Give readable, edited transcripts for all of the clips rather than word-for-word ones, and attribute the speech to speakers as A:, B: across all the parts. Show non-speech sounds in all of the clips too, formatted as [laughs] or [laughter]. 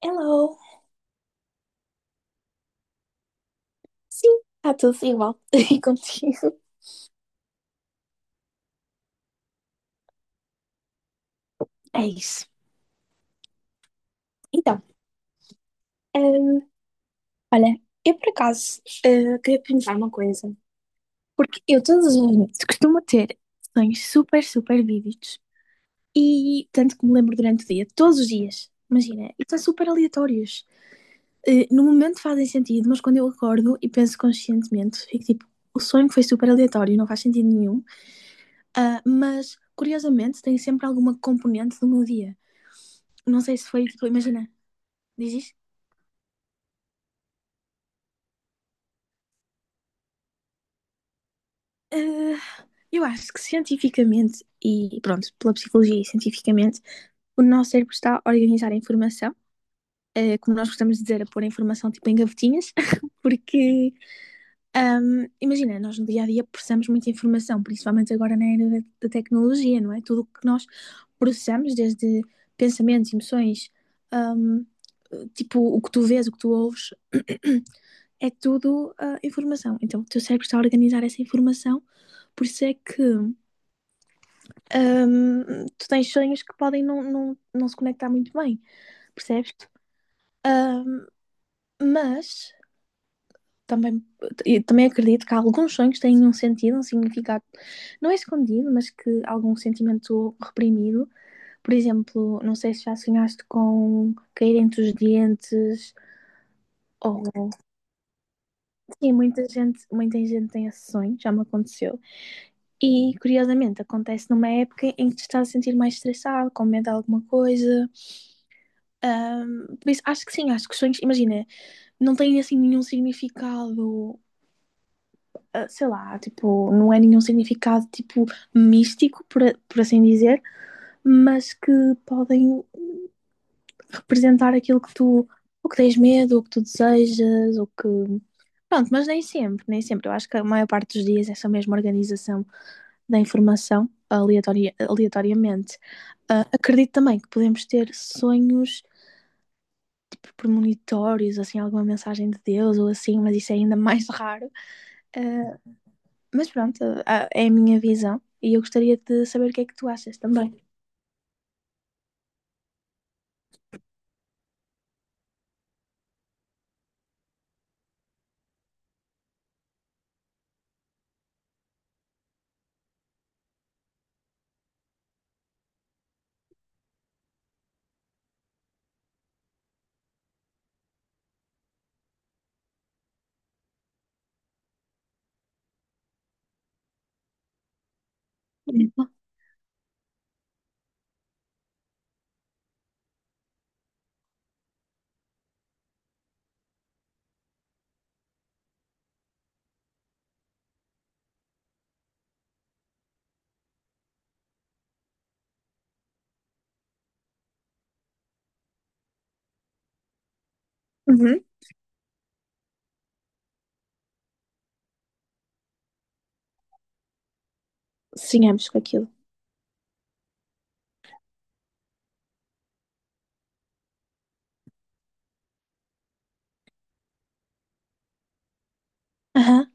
A: Hello! Sim, está tudo igual. [laughs] E contigo? É isso. Então, hum, olha, eu por acaso queria perguntar uma coisa. Porque eu todos os noites costumo ter sonhos super, super vívidos. E tanto que me lembro durante o dia, todos os dias. Imagina, e são super aleatórios. No momento fazem sentido, mas quando eu acordo e penso conscientemente, fico tipo, o sonho foi super aleatório, não faz sentido nenhum. Ah, mas, curiosamente, tem sempre alguma componente do meu dia. Não sei se foi, tipo, imagina. Diz isto? Ah, eu acho que cientificamente, e pronto, pela psicologia e cientificamente, o nosso cérebro está a organizar a informação, como nós gostamos de dizer, a pôr a informação tipo em gavetinhas, [laughs] porque imagina, nós no dia a dia processamos muita informação, principalmente agora na era da tecnologia, não é? Tudo o que nós processamos, desde pensamentos, emoções, ahm, tipo o que tu vês, o que tu ouves, [clears throat] [coughs] é tudo informação. Então o teu cérebro está a organizar essa informação, por isso é que tu tens sonhos que podem não se conectar muito bem, percebes? Ahm, mas também, e também acredito que alguns sonhos têm um sentido, um significado, não é escondido, mas que algum sentimento reprimido. Por exemplo, não sei se já sonhaste com cair entre os dentes, ou. Sim, muita gente tem esse sonho, já me aconteceu. E curiosamente acontece numa época em que te estás a sentir mais estressado, com medo de alguma coisa. Por isso, acho que sim, acho que os sonhos, imagina, não têm assim nenhum significado sei lá, tipo, não é nenhum significado tipo místico, por assim dizer, mas que podem representar aquilo que tu, o que tens medo, o que tu desejas, o que. Pronto, mas nem sempre, nem sempre. Eu acho que a maior parte dos dias é essa mesma organização da informação aleatoria, aleatoriamente. Ah, acredito também que podemos ter sonhos premonitórios, assim, alguma mensagem de Deus ou assim, mas isso é ainda [laughs] mais raro. Ah, mas pronto, é a minha visão e eu gostaria de saber o que é que tu achas também. Uhum. Sigamos com aquilo. Aham.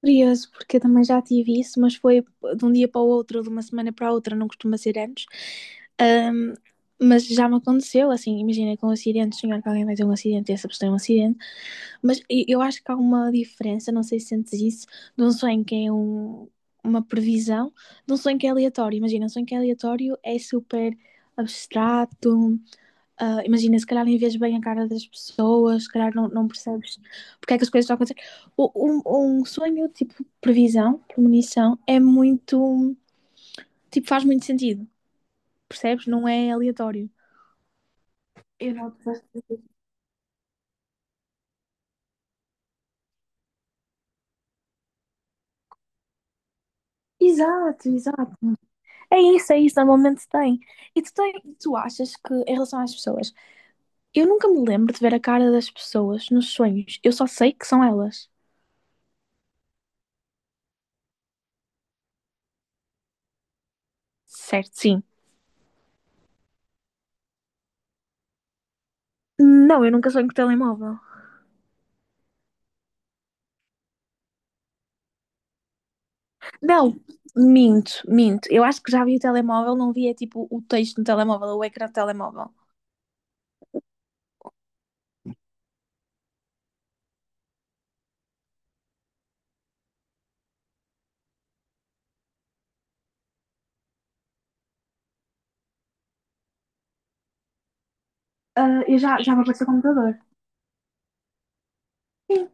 A: Curioso, porque eu também já tive isso, mas foi de um dia para o outro, de uma semana para a outra, não costuma ser antes. Ahm, mas já me aconteceu, assim, imagina com um acidente, sonhar que alguém vai ter um acidente e essa pessoa tem um acidente. Mas eu acho que há uma diferença, não sei se sentes isso, de um sonho que é uma previsão, de um sonho que é aleatório. Imagina, um sonho que é aleatório é super abstrato, Ah, imagina, se calhar nem vês bem a cara das pessoas, se calhar não percebes porque é que as coisas estão a acontecer. O- um sonho, tipo, previsão, premonição, é muito, tipo, faz muito sentido, percebes? Não é aleatório. Eu não te gosto dizer. Exato, exato. É isso, normalmente tem. E tu, tem, Tu achas que, em relação às pessoas, eu nunca me lembro de ver a cara das pessoas nos sonhos, eu só sei que são elas. Certo, sim. Não, eu nunca sonho com o telemóvel. Não, minto, minto. Eu acho que já vi o telemóvel, não via tipo o texto no telemóvel, o ecrã do telemóvel. Ah, eu já me apareceu o computador. Sim.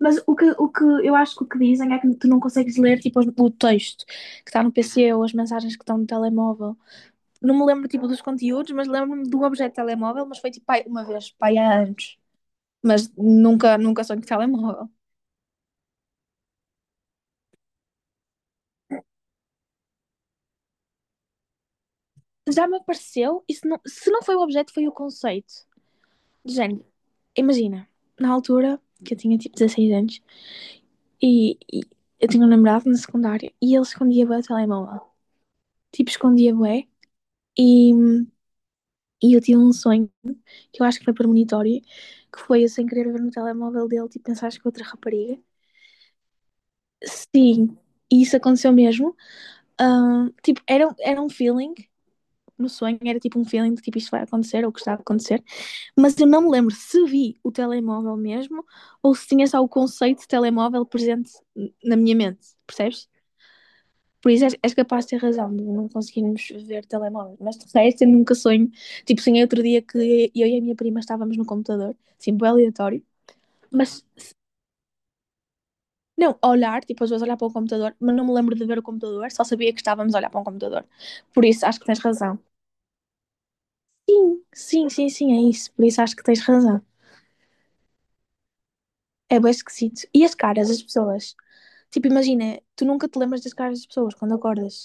A: Mas o que eu acho que o que dizem é que tu não consegues ler tipo, o texto que está no PC ou as mensagens que estão no telemóvel. Não me lembro tipo dos conteúdos, mas lembro-me do objeto de telemóvel, mas foi tipo pai, uma vez, pai há anos. Mas nunca, nunca sonho de telemóvel. Já me apareceu, e se não foi o objeto, foi o conceito. De género, imagina, na altura, que eu tinha tipo 16 anos, e eu tinha um namorado na secundária, e ele escondia bem o telemóvel. Tipo, escondia bem, e, e eu tive um sonho, que eu acho que foi premonitório, que foi eu sem querer ver no telemóvel dele, tipo, pensaste que outra rapariga. Sim, e isso aconteceu mesmo. Tipo, era um feeling no sonho, era tipo um feeling de tipo isto vai acontecer ou que está a acontecer, mas eu não me lembro se vi o telemóvel mesmo ou se tinha só o conceito de telemóvel presente na minha mente, percebes? Por isso és capaz de ter razão de não conseguirmos ver telemóvel, mas de resto eu nunca sonho. Tipo, sonhei outro dia que eu e a minha prima estávamos no computador, assim, bem aleatório, mas. Não, olhar, tipo, às vezes olhar para o computador, mas não me lembro de ver o computador, só sabia que estávamos a olhar para um computador. Por isso, acho que tens razão. Sim, sim, sim, sim, é isso. Por isso acho que tens razão. É bem esquisito. E as caras das pessoas? Tipo, imagina, tu nunca te lembras das caras das pessoas quando acordas.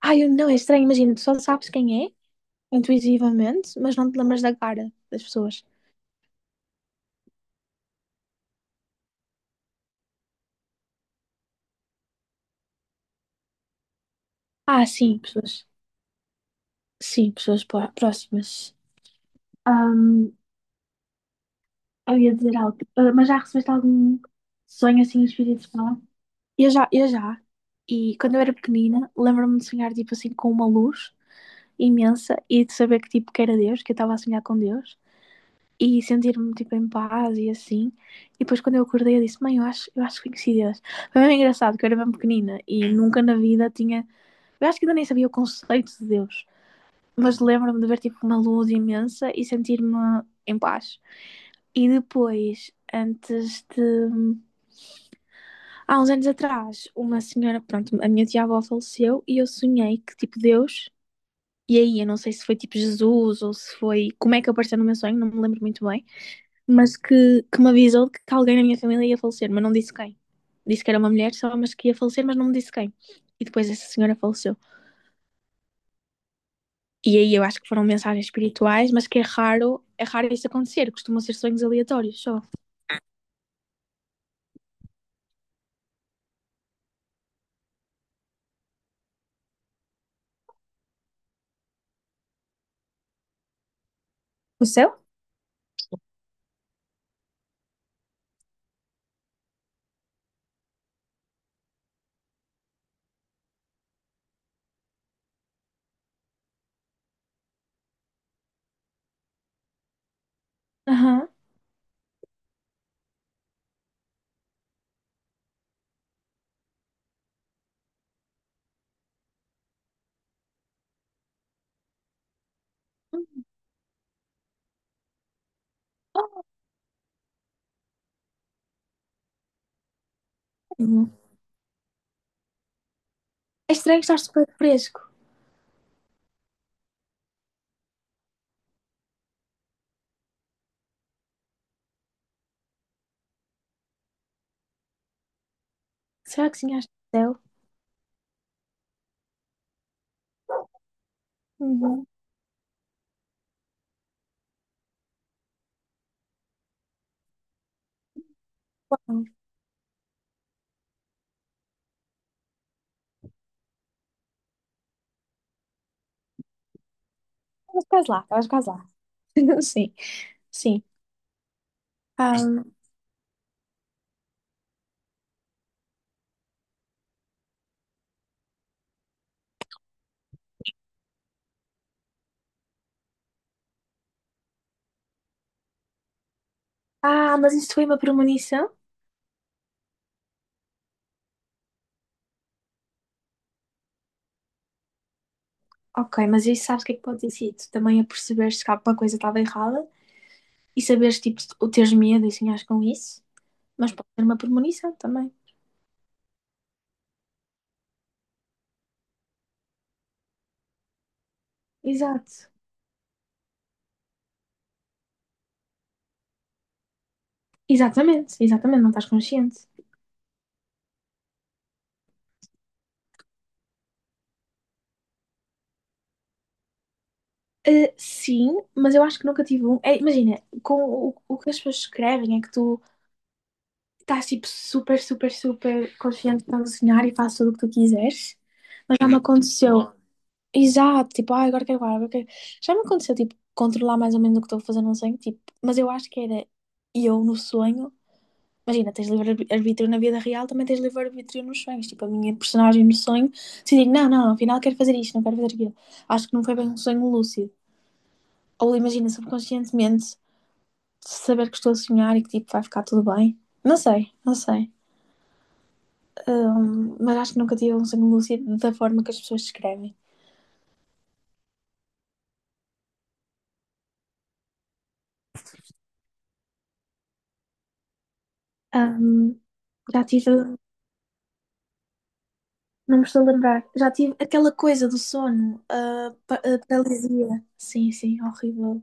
A: Ai, não, é estranho, imagina, tu só sabes quem é, intuitivamente, mas não te lembras da cara das pessoas. Ah, sim, pessoas. Sim, pessoas próximas. Ahm, eu ia dizer algo, Ah, mas já recebeste algum sonho assim espírito falar? Eu já, eu já. E quando eu era pequenina, lembro-me de sonhar, tipo assim, com uma luz imensa e de saber que tipo que era Deus, que eu estava a sonhar com Deus e sentir-me tipo em paz e assim. E depois quando eu acordei eu disse, mãe, eu acho que conheci Deus. Foi bem engraçado que eu era bem pequenina e nunca na vida tinha, eu acho que ainda nem sabia o conceito de Deus, mas lembro-me de ver tipo uma luz imensa e sentir-me em paz. E depois, antes de. Há uns anos atrás, uma senhora, pronto, a minha tia-avó faleceu e eu sonhei que, tipo, Deus. E aí, eu não sei se foi tipo Jesus ou se foi. Como é que apareceu no meu sonho, não me lembro muito bem. Mas que me avisou que alguém na minha família ia falecer, mas não disse quem. Disse que era uma mulher só, mas que ia falecer, mas não me disse quem. E depois essa senhora faleceu. E aí eu acho que foram mensagens espirituais, mas que é raro isso acontecer. Costumam ser sonhos aleatórios só. O céu? Aham. Uhum. Uhum. É estranho que estás super fresco. Será que sonhaste o céu? Uhum. Uau. Estavas quase lá, estavas quase lá. [laughs] Sim, sim. Ahm, Ah, mas isso foi uma premonição? Ok, mas isso sabes o que é que pode ter sido? Também a perceberes que alguma coisa estava errada e saberes, tipo, o teres medo e sonhares com isso. Mas pode ser uma premonição também. Exato. Exatamente, exatamente, não estás consciente. Sim, mas eu acho que nunca tive um. É, imagina, com o que as pessoas escrevem é que tu estás, tipo, super, super, super confiante que estás a sonhar e fazes tudo o que tu quiseres. Mas já me aconteceu Exato, tipo, agora quero guardar, agora quero... Já me aconteceu, tipo, controlar mais ou menos o que estou a fazer num sonho, tipo, mas eu acho que era eu no sonho. Imagina, tens livre-arbítrio na vida real, também tens livre-arbítrio nos sonhos. Tipo, a minha personagem no sonho decidi, não, não, afinal quero fazer isto, não quero fazer aquilo. Acho que não foi bem um sonho lúcido. Ou imagina, subconscientemente, saber que estou a sonhar e que, tipo, vai ficar tudo bem. Não sei, não sei. Mas acho que nunca tive um sonho lúcido da forma que as pessoas descrevem. Ahm, Já tive. Não me estou a lembrar. Já tive aquela coisa do sono, a paralisia. Sim, sim, horrível.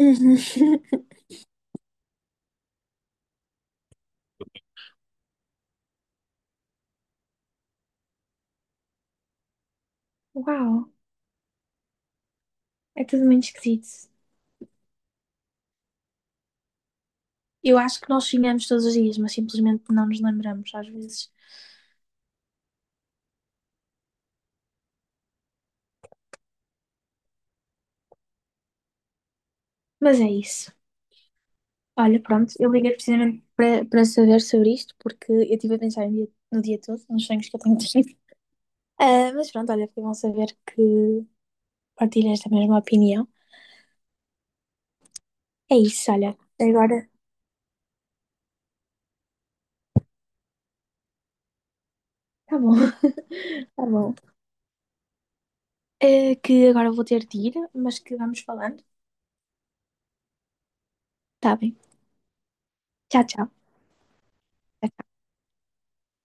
A: Uhum. [laughs] Uau, é tudo muito esquisito. Eu acho que nós sonhamos todos os dias, mas simplesmente não nos lembramos às vezes. Mas é isso. Olha, pronto, eu liguei precisamente para saber sobre isto, porque eu estive a pensar no dia, no dia todo, nos sonhos que eu tenho tido. [laughs] Ah, mas pronto, olha, foi bom saber que partilhas da mesma opinião. É isso, olha. Agora, tá bom, [laughs] tá bom. Que agora vou ter de ir, mas que vamos falando. Tá bem. Tchau, tchau.